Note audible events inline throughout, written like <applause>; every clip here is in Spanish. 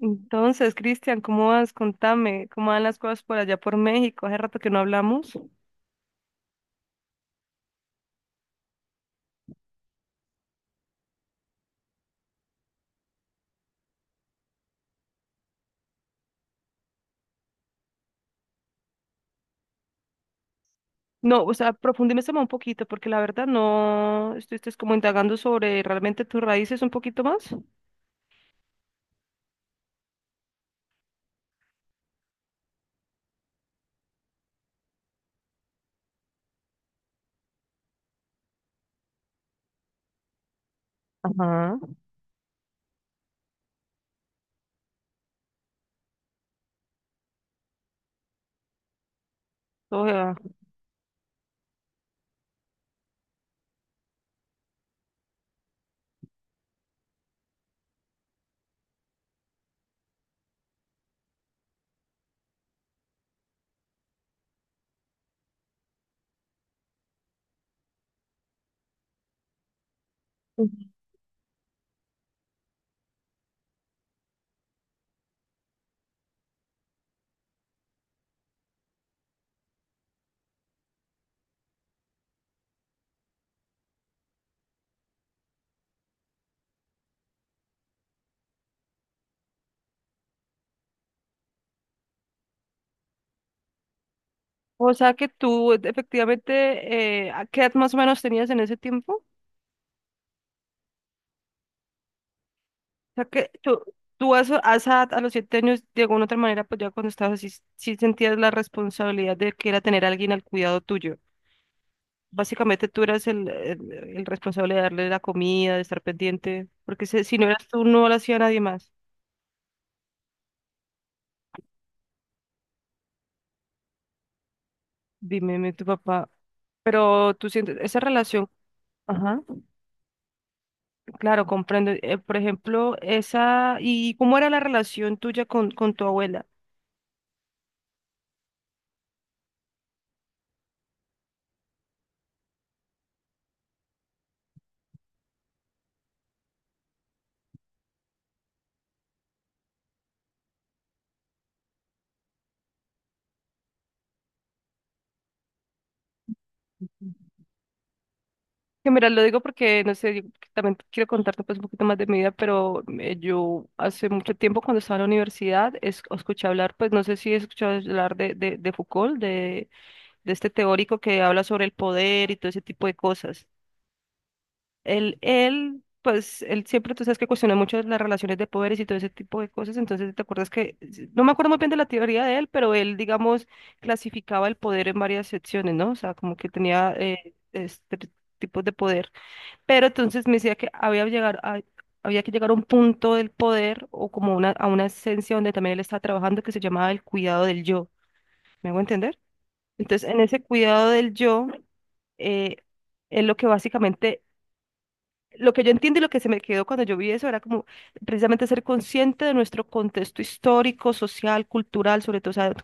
Entonces, Cristian, ¿cómo vas? Contame, ¿cómo van las cosas por allá por México? Hace rato que no hablamos. No, o sea, profundízame un poquito, porque la verdad no estuviste como indagando sobre realmente tus raíces un poquito más. Ajá. O sea, o sea que tú efectivamente, ¿a qué edad más o menos tenías en ese tiempo? O sea que tú a esa edad, a los 7 años, de alguna otra manera, pues ya cuando estabas así, sí sentías la responsabilidad de que era tener a alguien al cuidado tuyo. Básicamente tú eras el responsable de darle la comida, de estar pendiente, porque si no eras tú, no lo hacía nadie más. Dime, tu papá. Pero tú sientes esa relación. Ajá, claro, comprendo. Por ejemplo, esa. ¿Y cómo era la relación tuya con tu abuela? Que mira, lo digo porque, no sé, yo también quiero contarte, pues, un poquito más de mi vida, pero yo hace mucho tiempo cuando estaba en la universidad escuché hablar, pues no sé si he escuchado hablar de Foucault, de este teórico que habla sobre el poder y todo ese tipo de cosas. Pues, él siempre, tú sabes, que cuestiona mucho las relaciones de poderes y todo ese tipo de cosas. Entonces, te acuerdas que, no me acuerdo muy bien de la teoría de él, pero él, digamos, clasificaba el poder en varias secciones, ¿no? O sea, como que tenía, este, tipos de poder, pero entonces me decía que había que llegar a un punto del poder o como a una esencia donde también él estaba trabajando, que se llamaba el cuidado del yo. ¿Me hago entender? Entonces, en ese cuidado del yo, eh, es lo que básicamente, lo que yo entiendo y lo que se me quedó cuando yo vi eso, era como precisamente ser consciente de nuestro contexto histórico, social, cultural, sobre todo, o sea, el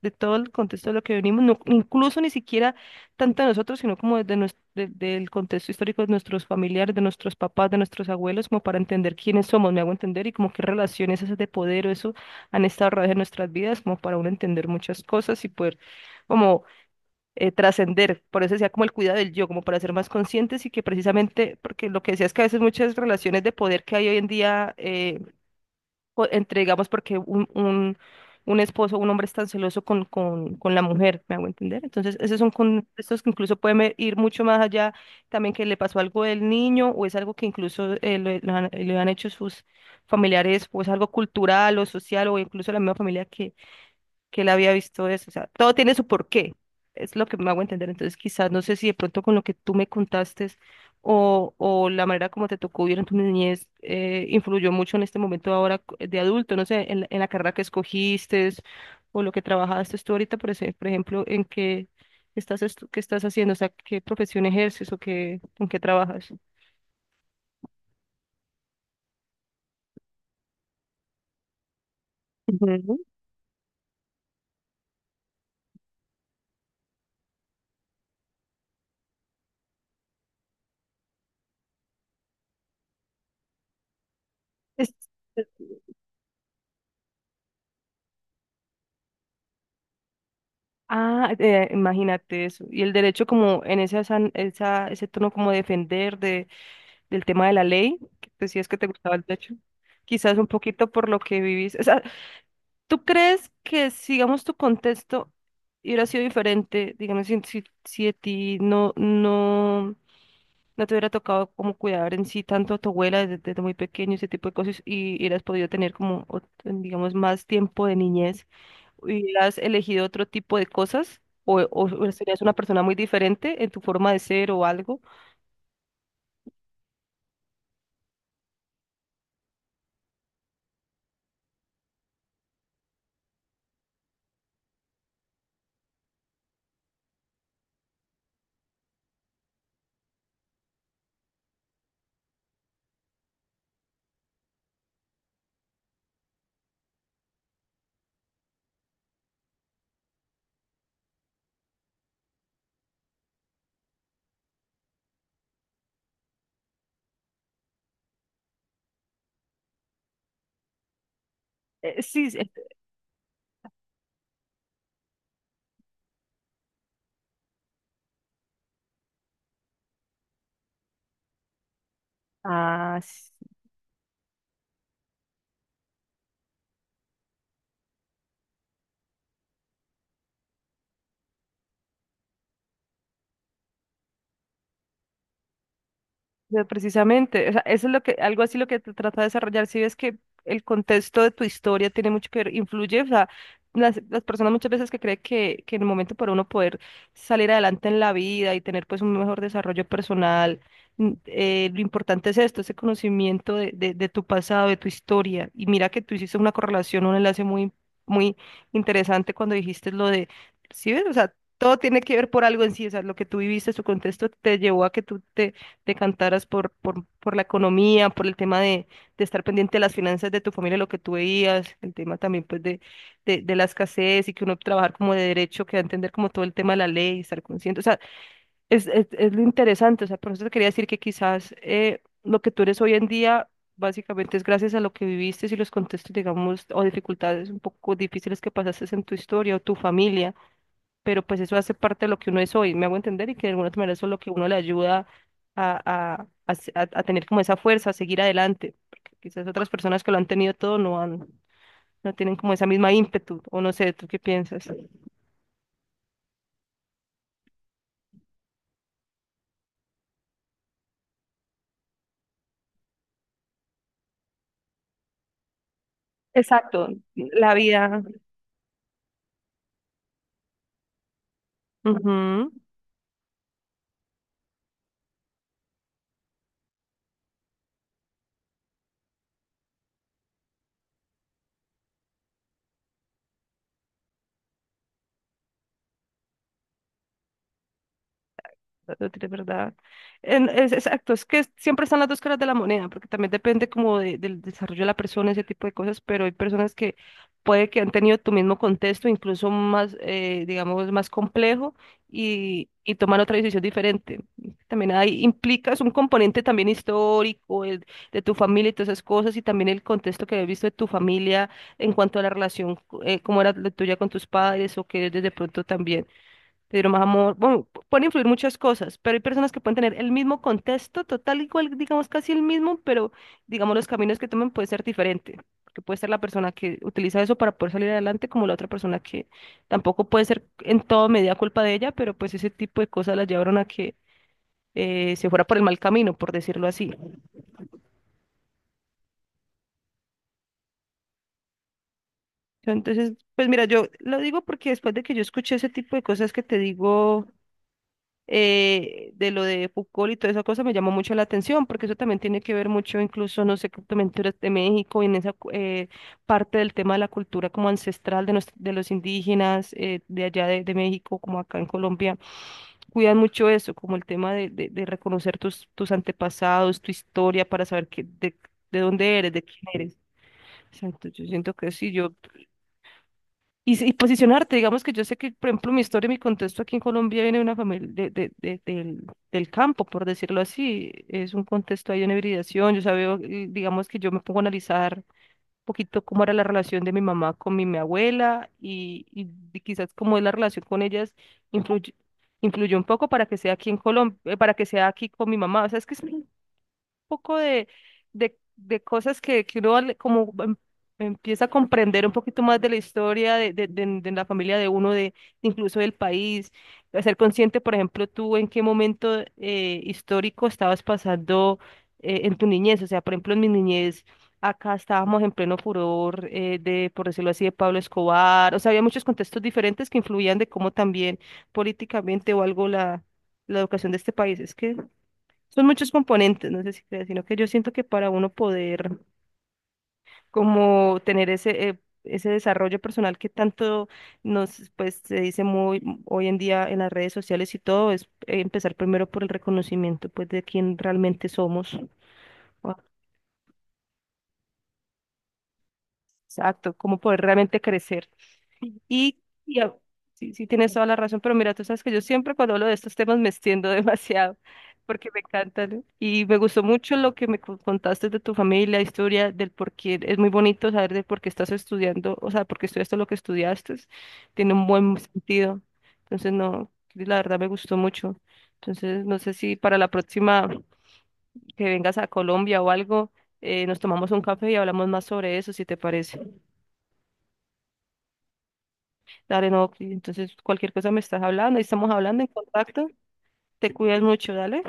de todo el contexto de lo que venimos, incluso ni siquiera tanto de nosotros, sino como desde del contexto histórico de nuestros familiares, de nuestros papás, de nuestros abuelos, como para entender quiénes somos, me hago entender, y como qué relaciones esas de poder o eso han estado a través de nuestras vidas, como para uno entender muchas cosas y poder como trascender. Por eso decía como el cuidado del yo, como para ser más conscientes. Y que precisamente, porque lo que decía es que a veces muchas relaciones de poder que hay hoy en día, entre, digamos, porque un esposo, un hombre, es tan celoso con la mujer, ¿me hago entender? Entonces, esos son contextos que incluso pueden ir mucho más allá, también que le pasó algo del niño o es algo que incluso le han hecho sus familiares, o es algo cultural o social o incluso la misma familia que él había visto eso. O sea, todo tiene su porqué. Es lo que me hago entender. Entonces, quizás, no sé si de pronto con lo que tú me contaste, o la manera como te tocó vivir en tu niñez influyó mucho en este momento ahora, de adulto, no sé, en la carrera que escogiste o lo que trabajaste tú ahorita, por ejemplo, en qué qué estás haciendo, o sea, qué profesión ejerces o con qué trabajas. Ujú. Es- eh, Ah, imagínate eso. Y el derecho, como en ese tono como de defender, del tema de la ley, que decías que te gustaba el derecho, quizás un poquito por lo que vivís. O sea, ¿tú crees que, sigamos, tu contexto hubiera sido diferente, digamos, si a ti no te hubiera tocado como cuidar en sí tanto a tu abuela desde, muy pequeño, ese tipo de cosas, y hubieras podido tener como, digamos, más tiempo de niñez, hubieras elegido otro tipo de cosas? O serías una persona muy diferente en tu forma de ser o algo. Sí, sí. Ah, pero precisamente, o sea, eso es lo que, algo así, lo que te trata de desarrollar. Si ves que el contexto de tu historia tiene mucho que ver, influye, o sea, las personas muchas veces que creen que, en el momento para uno poder salir adelante en la vida y tener pues un mejor desarrollo personal, mm, lo importante es esto, ese conocimiento de tu pasado, de tu historia. Y mira que tú hiciste una correlación, un enlace muy, muy interesante cuando dijiste lo de, ¿sí ves? O sea, todo tiene que ver por algo en sí, o sea, lo que tú viviste, su contexto te llevó a que tú te cantaras por la economía, por el tema de estar pendiente de las finanzas de tu familia, lo que tú veías, el tema también, pues, de, la escasez, y que uno trabajar como de derecho, que va a entender como todo el tema de la ley, estar consciente, o sea, es lo interesante, o sea, por eso te quería decir que quizás lo que tú eres hoy en día... Básicamente es gracias a lo que viviste y los contextos, digamos, o dificultades un poco difíciles que pasaste en tu historia o tu familia, pero pues eso hace parte de lo que uno es hoy, me hago entender, y que de alguna otra manera eso es lo que uno le ayuda a, a tener como esa fuerza, a seguir adelante, porque quizás otras personas que lo han tenido todo no tienen como esa misma ímpetu, o no sé, ¿tú qué piensas? Exacto, la vida. Ujú. No tienes verdad. Es, exacto, es que siempre están las dos caras de la moneda, porque también depende como del desarrollo de la persona, ese tipo de cosas, pero hay personas que puede que han tenido tu mismo contexto, incluso más, digamos, más complejo, y toman otra decisión diferente. También ahí implicas un componente también histórico, de tu familia y todas esas cosas, y también el contexto que habías visto de tu familia en cuanto a la relación, cómo era la tuya con tus padres, o que desde pronto también te dieron más amor. Bueno, pueden influir muchas cosas, pero hay personas que pueden tener el mismo contexto, total igual, digamos casi el mismo, pero digamos los caminos que tomen puede ser diferente, porque puede ser la persona que utiliza eso para poder salir adelante, como la otra persona que tampoco puede ser en todo medida culpa de ella, pero pues ese tipo de cosas las llevaron a que se fuera por el mal camino, por decirlo así. Entonces, pues mira, yo lo digo porque después de que yo escuché ese tipo de cosas que te digo, de lo de Foucault y toda esa cosa, me llamó mucho la atención, porque eso también tiene que ver mucho, incluso, no sé, con culturas de México. Y en esa parte del tema de la cultura como ancestral de los indígenas, de allá de, México, como acá en Colombia, cuidan mucho eso, como el tema de reconocer tus antepasados, tu historia, para saber de dónde eres, de quién eres. Exacto, yo siento que sí. yo y, si- y posicionarte, digamos, que yo sé que, por ejemplo, mi historia, mi contexto aquí en Colombia, viene de una familia del campo, por decirlo así. Es un contexto ahí de una hibridación. Yo sabía, digamos, que yo me pongo a analizar un poquito cómo era la relación de mi mamá con mi abuela, y quizás cómo es la relación con ellas influye, influyó un poco para que sea aquí en Colombia, para que sea aquí con mi mamá. O sea, es que es, poco de, cosas que, uno como empieza a comprender un poquito más de la historia de la familia de uno, de, incluso, del país, de ser consciente, por ejemplo, tú en qué momento histórico estabas pasando, en tu niñez, o sea, por ejemplo, en mi niñez. Acá estábamos en pleno furor, por decirlo así, de Pablo Escobar. O sea, había muchos contextos diferentes que influían de cómo también políticamente, o algo, la educación de este país. Es que son muchos componentes, no sé si creas, sino que yo siento que para uno poder como tener ese desarrollo personal que tanto pues, se dice muy hoy en día en las redes sociales y todo, es, empezar primero por el reconocimiento, pues, de quién realmente somos. Ah, exacto, cómo poder realmente crecer. Y, y a- sí, sí, tienes toda la razón, pero mira, tú sabes que yo siempre, cuando hablo de estos temas, me extiendo <laughs> demasiado, porque me encantan. Y me gustó mucho lo que me contaste de tu familia, historia, del por qué. Es muy bonito saber de por qué estás estudiando, o sea, por qué estudiaste lo que estudiaste. Tiene un buen sentido. Entonces, no, la verdad me gustó mucho. Entonces, no sé si para la próxima que vengas a Colombia o algo, nos tomamos un café y hablamos más sobre eso, si te parece. Dale, no, Cris, entonces, cualquier cosa me estás hablando, ahí estamos hablando en contacto. Te cuidas mucho, dale.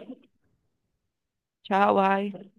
Chao, bye.